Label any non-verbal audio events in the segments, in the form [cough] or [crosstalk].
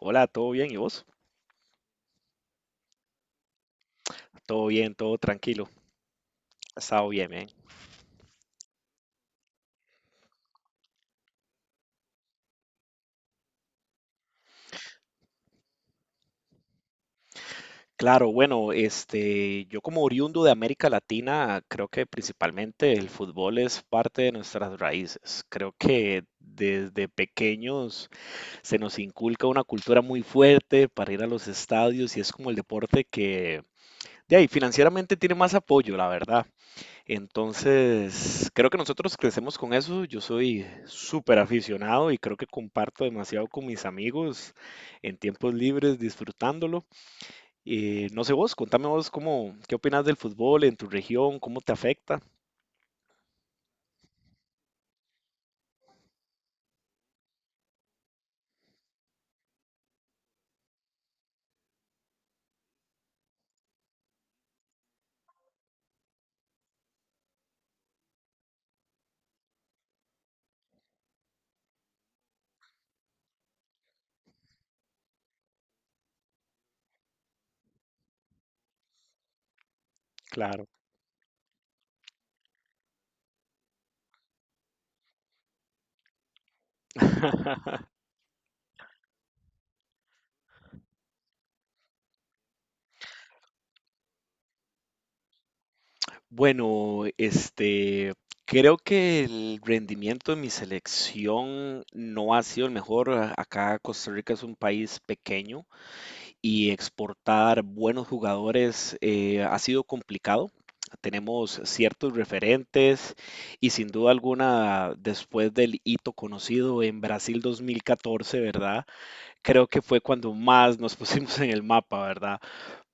Hola, ¿todo bien? ¿Y vos? Todo bien, todo tranquilo. Ha estado bien, bien. Claro, bueno, yo como oriundo de América Latina, creo que principalmente el fútbol es parte de nuestras raíces. Creo que desde pequeños se nos inculca una cultura muy fuerte para ir a los estadios y es como el deporte que, de ahí, financieramente tiene más apoyo, la verdad. Entonces, creo que nosotros crecemos con eso. Yo soy súper aficionado y creo que comparto demasiado con mis amigos en tiempos libres disfrutándolo. No sé vos, contame vos qué opinas del fútbol en tu región, cómo te afecta. Claro. [laughs] Bueno, creo que el rendimiento de mi selección no ha sido el mejor. Acá Costa Rica es un país pequeño y exportar buenos jugadores ha sido complicado. Tenemos ciertos referentes y sin duda alguna, después del hito conocido en Brasil 2014, ¿verdad? Creo que fue cuando más nos [laughs] pusimos en el mapa, ¿verdad?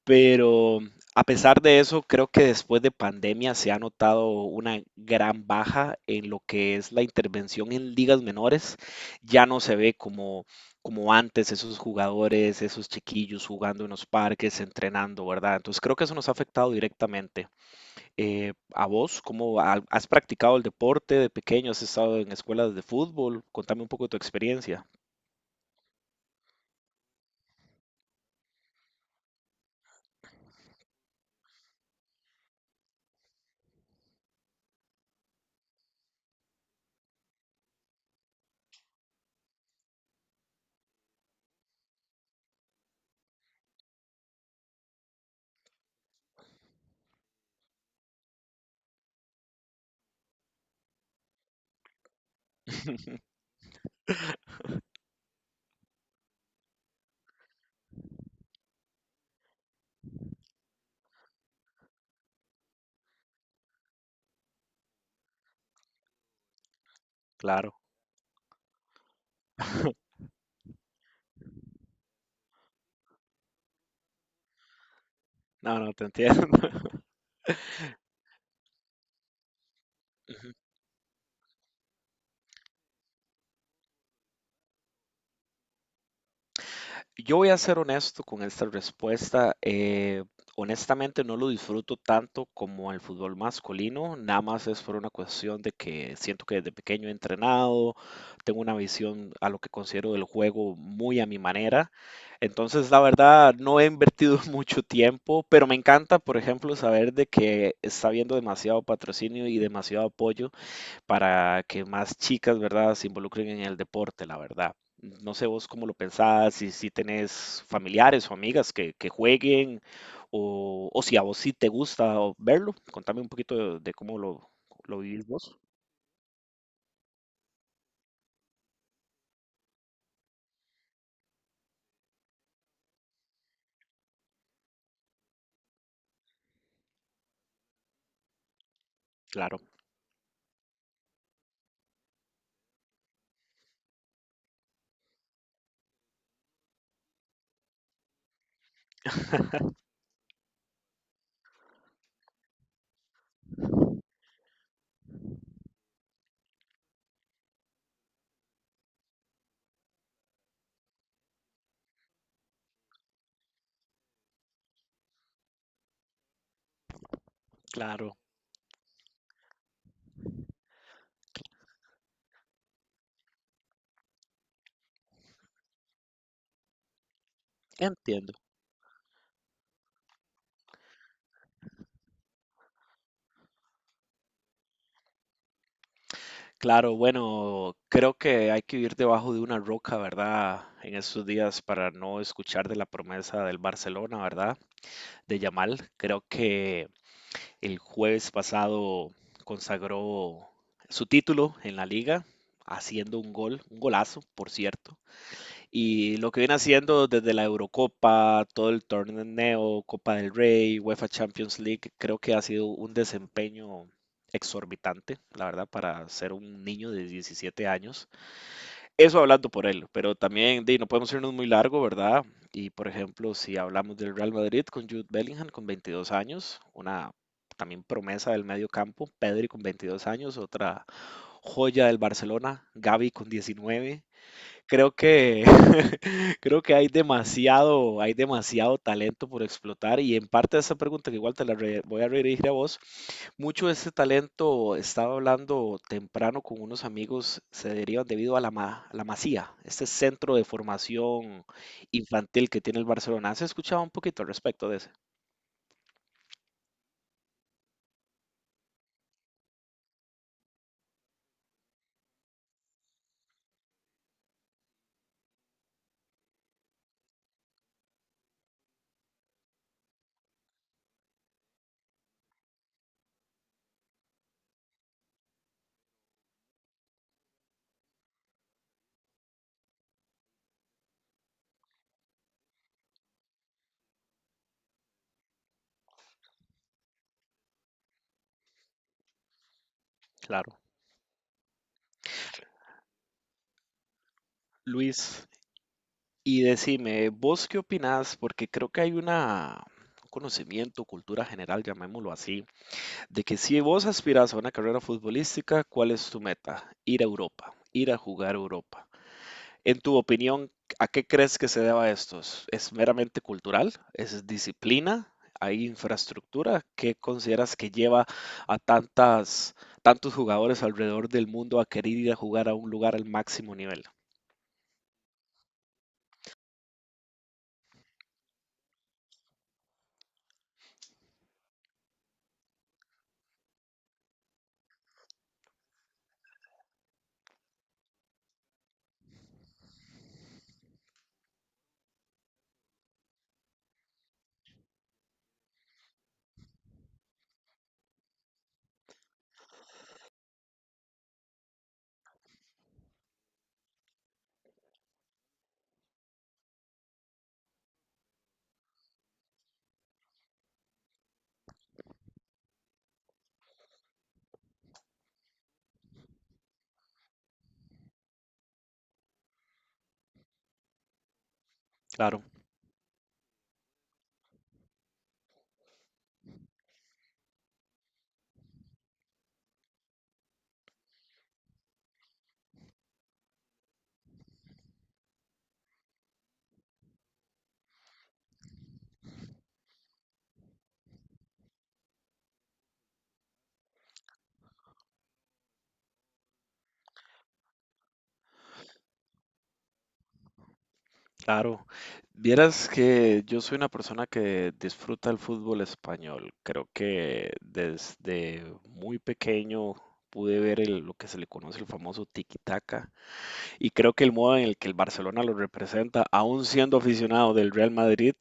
Pero a pesar de eso, creo que después de pandemia se ha notado una gran baja en lo que es la intervención en ligas menores. Ya no se ve como, como antes esos jugadores, esos chiquillos jugando en los parques, entrenando, ¿verdad? Entonces creo que eso nos ha afectado directamente. ¿A vos, cómo has practicado el deporte de pequeño? ¿Has estado en escuelas de fútbol? Contame un poco de tu experiencia. [laughs] Claro. No, no, te entiendo. [laughs] Yo voy a ser honesto con esta respuesta. Honestamente no lo disfruto tanto como el fútbol masculino. Nada más es por una cuestión de que siento que desde pequeño he entrenado, tengo una visión a lo que considero del juego muy a mi manera. Entonces, la verdad, no he invertido [laughs] mucho tiempo, pero me encanta, por ejemplo, saber de que está habiendo demasiado patrocinio y demasiado apoyo para que más chicas, ¿verdad?, se involucren en el deporte, la verdad. No sé vos cómo lo pensás, si tenés familiares o amigas que jueguen, o si a vos sí te gusta verlo. Contame un poquito de cómo lo vivís vos. Claro, claro. Entiendo. Claro, bueno, creo que hay que vivir debajo de una roca, ¿verdad? En estos días para no escuchar de la promesa del Barcelona, ¿verdad? De Yamal. Creo que el jueves pasado consagró su título en la liga, haciendo un gol, un golazo, por cierto. Y lo que viene haciendo desde la Eurocopa, todo el torneo, Copa del Rey, UEFA Champions League, creo que ha sido un desempeño exorbitante, la verdad, para ser un niño de 17 años. Eso hablando por él, pero también di, no podemos irnos muy largo, ¿verdad? Y por ejemplo, si hablamos del Real Madrid con Jude Bellingham con 22 años, una también promesa del medio campo, Pedri con 22 años, otra joya del Barcelona, Gavi con 19, creo que, [laughs] creo que hay demasiado talento por explotar y en parte de esa pregunta que igual te la voy a redirigir a vos, mucho de ese talento, estaba hablando temprano con unos amigos, se derivan debido a la, a la Masía, este centro de formación infantil que tiene el Barcelona. ¿Has escuchado un poquito al respecto de ese? Claro. Luis, y decime, ¿vos qué opinás? Porque creo que hay una, un conocimiento, cultura general, llamémoslo así. De que si vos aspirás a una carrera futbolística, ¿cuál es tu meta? Ir a Europa, ir a jugar a Europa. En tu opinión, ¿a qué crees que se deba esto? ¿Es meramente cultural? ¿Es disciplina? ¿Hay infraestructura? ¿Qué consideras que lleva a tantas, tantos jugadores alrededor del mundo a querer ir a jugar a un lugar al máximo nivel? Claro, claro, vieras que yo soy una persona que disfruta el fútbol español. Creo que desde muy pequeño pude ver lo que se le conoce el famoso tiki y creo que el modo en el que el Barcelona lo representa, aún siendo aficionado del Real Madrid,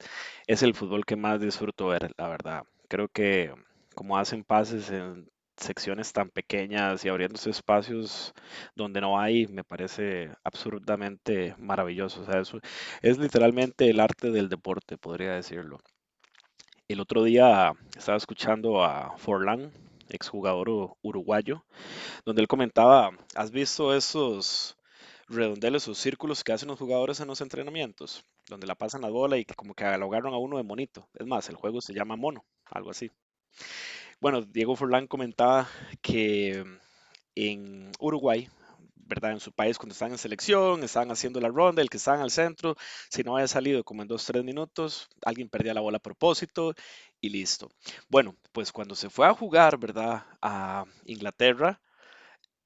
es el fútbol que más disfruto ver, la verdad. Creo que como hacen pases en secciones tan pequeñas y abriéndose espacios donde no hay, me parece absurdamente maravilloso. O sea, es literalmente el arte del deporte, podría decirlo. El otro día estaba escuchando a Forlán, exjugador uruguayo, donde él comentaba, ¿has visto esos redondeles, esos círculos que hacen los jugadores en los entrenamientos? Donde la pasan la bola y que como que lo agarran a uno de monito. Es más, el juego se llama mono, algo así. Bueno, Diego Forlán comentaba que en Uruguay, ¿verdad? En su país, cuando estaban en selección, estaban haciendo la ronda, el que estaban al centro, si no había salido como en 2, 3 minutos, alguien perdía la bola a propósito y listo. Bueno, pues cuando se fue a jugar, ¿verdad? A Inglaterra,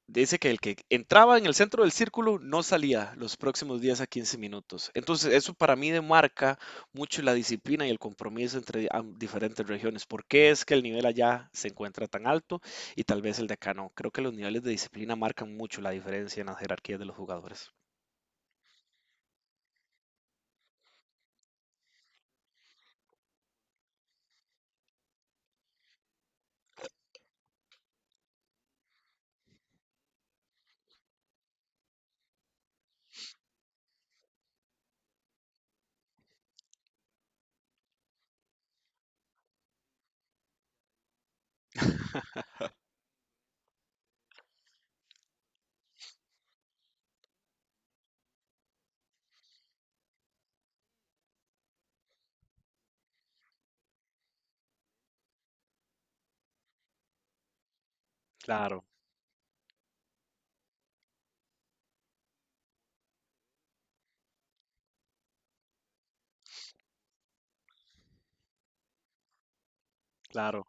dice que el que entraba en el centro del círculo no salía los próximos 10 a 15 minutos. Entonces, eso para mí demarca mucho la disciplina y el compromiso entre diferentes regiones. ¿Por qué es que el nivel allá se encuentra tan alto y tal vez el de acá no? Creo que los niveles de disciplina marcan mucho la diferencia en las jerarquías de los jugadores. Claro, claro.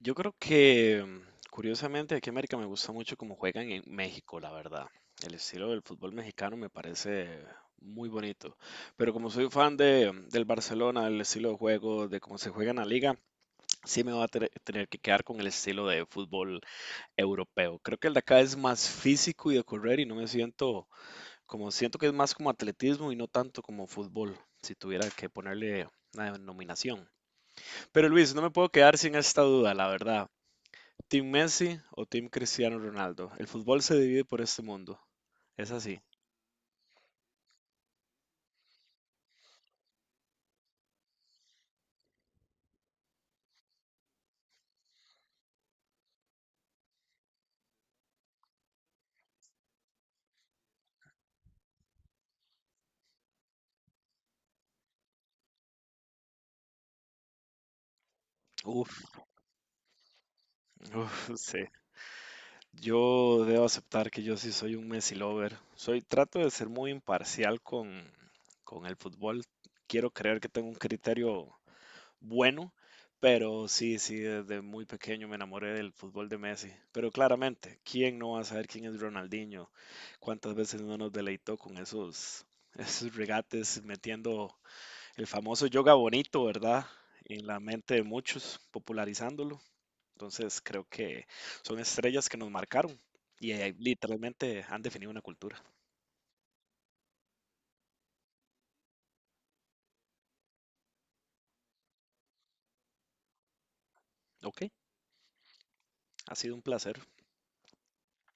Yo creo que, curiosamente, aquí en América me gusta mucho cómo juegan en México, la verdad. El estilo del fútbol mexicano me parece muy bonito. Pero como soy fan de, del Barcelona, del estilo de juego, de cómo se juega en la liga, sí me va a tener que quedar con el estilo de fútbol europeo. Creo que el de acá es más físico y de correr y no me siento como, siento que es más como atletismo y no tanto como fútbol, si tuviera que ponerle una denominación. Pero Luis, no me puedo quedar sin esta duda, la verdad. Team Messi o Team Cristiano Ronaldo. El fútbol se divide por este mundo. Es así. Uf, uf, sí. Yo debo aceptar que yo sí soy un Messi lover. Soy, trato de ser muy imparcial con el fútbol. Quiero creer que tengo un criterio bueno, pero sí, sí, desde muy pequeño me enamoré del fútbol de Messi. Pero claramente, ¿quién no va a saber quién es Ronaldinho? ¿Cuántas veces no nos deleitó con esos, esos regates metiendo el famoso yoga bonito, ¿verdad? En la mente de muchos, popularizándolo. Entonces creo que son estrellas que nos marcaron y literalmente han definido una cultura. Ok, ha sido un placer.